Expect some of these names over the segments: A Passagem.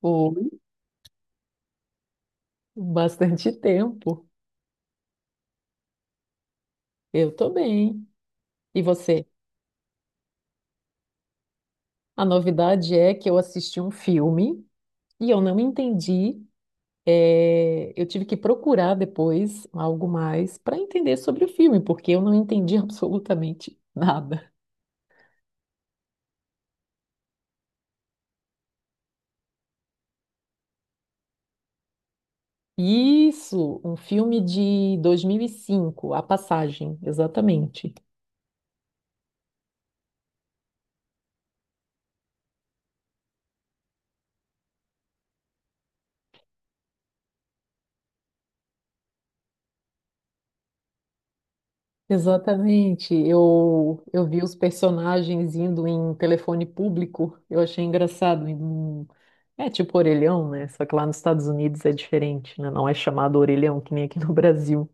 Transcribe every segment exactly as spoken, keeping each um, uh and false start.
Foi bastante tempo. Eu tô bem. E você? A novidade é que eu assisti um filme e eu não entendi. eh, Eu tive que procurar depois algo mais para entender sobre o filme, porque eu não entendi absolutamente nada. Isso, um filme de dois mil e cinco, A Passagem, exatamente. Exatamente. Eu, eu vi os personagens indo em telefone público. Eu achei engraçado. indo num- É tipo orelhão, né? Só que lá nos Estados Unidos é diferente, né? Não é chamado orelhão, que nem aqui no Brasil.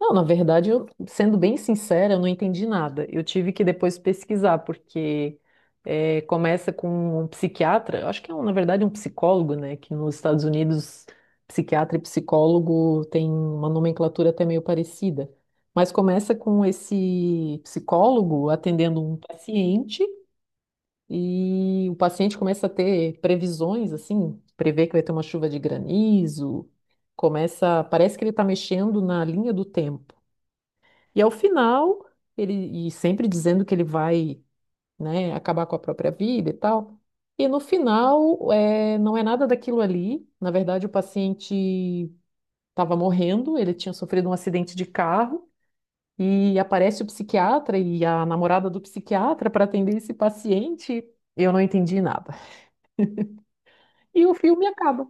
Não, na verdade, eu, sendo bem sincera, eu não entendi nada. Eu tive que depois pesquisar, porque eh, começa com um psiquiatra, eu acho que é, um, na verdade, um psicólogo, né? Que nos Estados Unidos, psiquiatra e psicólogo tem uma nomenclatura até meio parecida. Mas começa com esse psicólogo atendendo um paciente, e o paciente começa a ter previsões, assim, prevê que vai ter uma chuva de granizo, começa, parece que ele está mexendo na linha do tempo. E ao final, ele e sempre dizendo que ele vai, né, acabar com a própria vida e tal. E no final, é, não é nada daquilo ali. Na verdade, o paciente estava morrendo, ele tinha sofrido um acidente de carro e aparece o psiquiatra e a namorada do psiquiatra para atender esse paciente. Eu não entendi nada. E o filme acaba.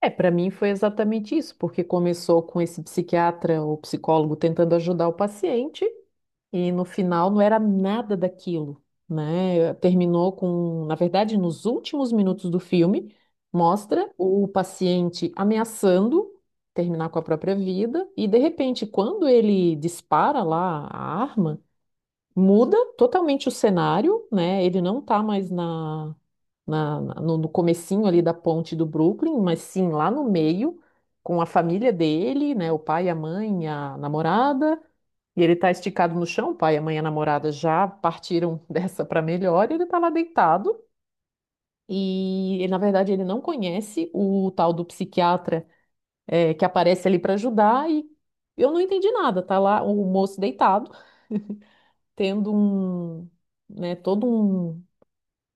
É, para mim foi exatamente isso, porque começou com esse psiquiatra ou psicólogo tentando ajudar o paciente. E no final não era nada daquilo, né? Terminou com, na verdade, nos últimos minutos do filme, mostra o paciente ameaçando terminar com a própria vida, e de repente, quando ele dispara lá a arma, muda totalmente o cenário, né? Ele não tá mais na, na, na- no, no comecinho ali da ponte do Brooklyn, mas sim lá no meio, com a família dele, né? O pai, a mãe, a namorada. E ele tá esticado no chão, o pai, a mãe e a namorada já partiram dessa para melhor, e ele tá lá deitado. E ele, na verdade ele não conhece o tal do psiquiatra eh, que aparece ali para ajudar e eu não entendi nada, tá lá o moço deitado tendo um, né, todo um,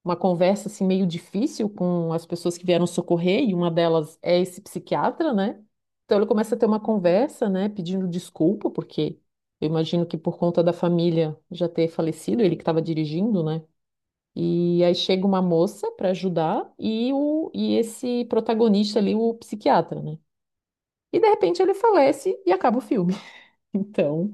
uma conversa assim meio difícil com as pessoas que vieram socorrer, e uma delas é esse psiquiatra, né? Então ele começa a ter uma conversa, né, pedindo desculpa, porque eu imagino que por conta da família já ter falecido, ele que estava dirigindo, né? E aí chega uma moça para ajudar e o e esse protagonista ali, o psiquiatra, né? E de repente ele falece e acaba o filme. Então,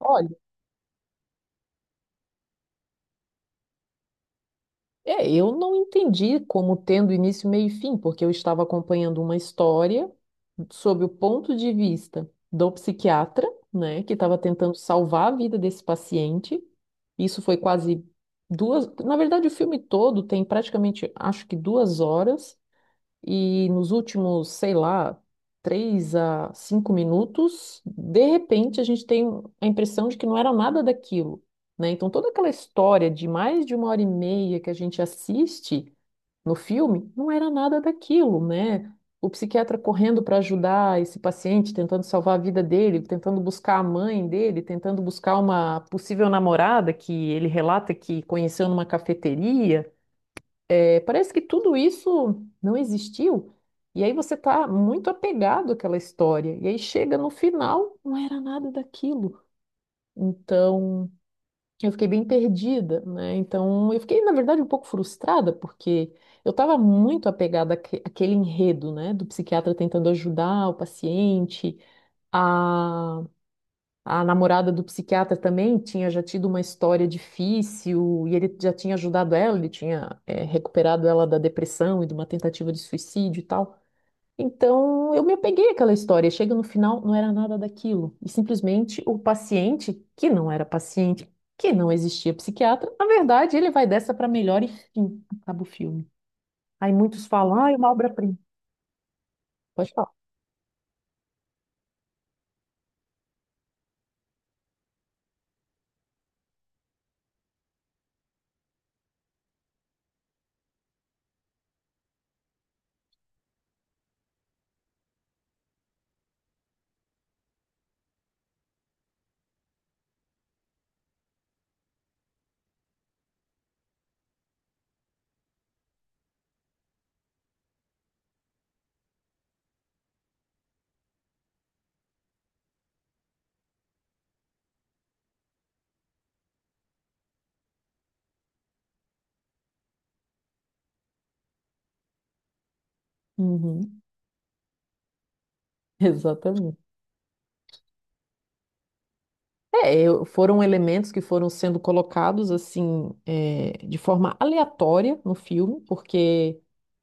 olha. É, eu não entendi como tendo início, meio e fim, porque eu estava acompanhando uma história sob o ponto de vista do psiquiatra, né, que estava tentando salvar a vida desse paciente. Isso foi quase duas. Na verdade, o filme todo tem praticamente, acho que duas horas. E nos últimos, sei lá, três a cinco minutos, de repente a gente tem a impressão de que não era nada daquilo, né? Então toda aquela história de mais de uma hora e meia que a gente assiste no filme não era nada daquilo, né? O psiquiatra correndo para ajudar esse paciente, tentando salvar a vida dele, tentando buscar a mãe dele, tentando buscar uma possível namorada que ele relata que conheceu numa cafeteria. É, parece que tudo isso não existiu. E aí você está muito apegado àquela história. E aí chega no final, não era nada daquilo. Então, eu fiquei bem perdida, né? Então, eu fiquei, na verdade, um pouco frustrada, porque eu estava muito apegada àque- àquele enredo, né? Do psiquiatra tentando ajudar o paciente, a namorada do psiquiatra também tinha já tido uma história difícil e ele já tinha ajudado ela, ele tinha, eh, recuperado ela da depressão e de uma tentativa de suicídio e tal. Então eu me apeguei àquela história. E chega no final, não era nada daquilo. E simplesmente o paciente, que não era paciente, que não existia psiquiatra, na verdade ele vai dessa para melhor e fim, acaba o filme. Aí muitos falam, ah, é uma obra-prima. Pode falar. Uhum, exatamente. É, eu- foram elementos que foram sendo colocados assim, é, de forma aleatória no filme, porque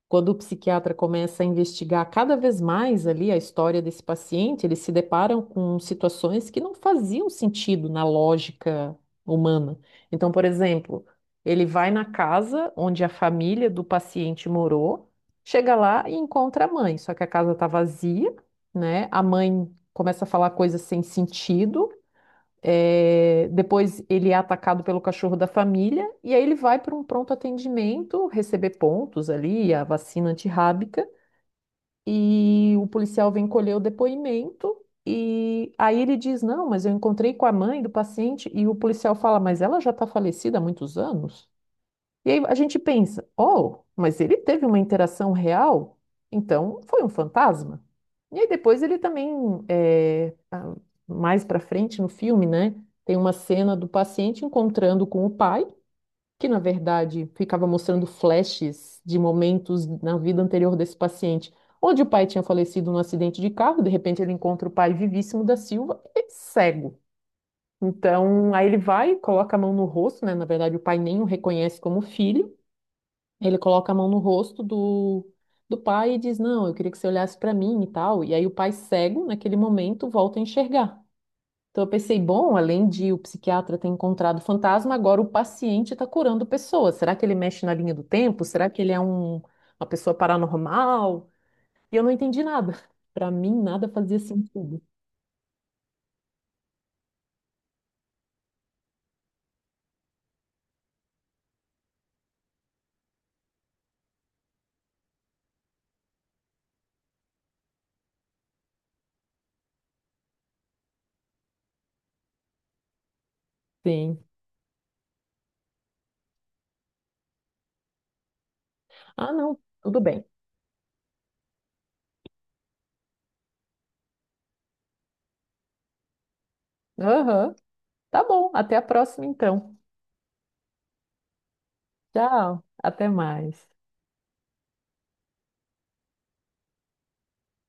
quando o psiquiatra começa a investigar cada vez mais ali a história desse paciente, eles se deparam com situações que não faziam sentido na lógica humana. Então, por exemplo, ele vai na casa onde a família do paciente morou, chega lá e encontra a mãe, só que a casa está vazia, né? A mãe começa a falar coisas sem sentido. É, depois ele é atacado pelo cachorro da família e aí ele vai para um pronto atendimento, receber pontos ali, a vacina antirrábica, e o policial vem colher o depoimento. E aí ele diz: Não, mas eu encontrei com a mãe do paciente. E o policial fala: Mas ela já está falecida há muitos anos? E aí a gente pensa, oh, mas ele teve uma interação real? Então foi um fantasma. E aí depois ele também, é, a- mais pra frente no filme, né, tem uma cena do paciente encontrando com o pai, que na verdade ficava mostrando flashes de momentos na vida anterior desse paciente, onde o pai tinha falecido num acidente de carro, de repente ele encontra o pai vivíssimo da Silva e cego. Então, aí ele vai, coloca a mão no rosto, né? Na verdade, o pai nem o reconhece como filho. Ele coloca a mão no rosto do, do pai e diz: Não, eu queria que você olhasse para mim e tal. E aí o pai cego, naquele momento, volta a enxergar. Então eu pensei: bom, além de o psiquiatra ter encontrado o fantasma, agora o paciente está curando pessoas. Será que ele mexe na linha do tempo? Será que ele é um, uma pessoa paranormal? E eu não entendi nada. Para mim, nada fazia sentido. Sim. Ah, não, tudo bem. Aham, tá bom. Até a próxima, então. Tchau, até mais.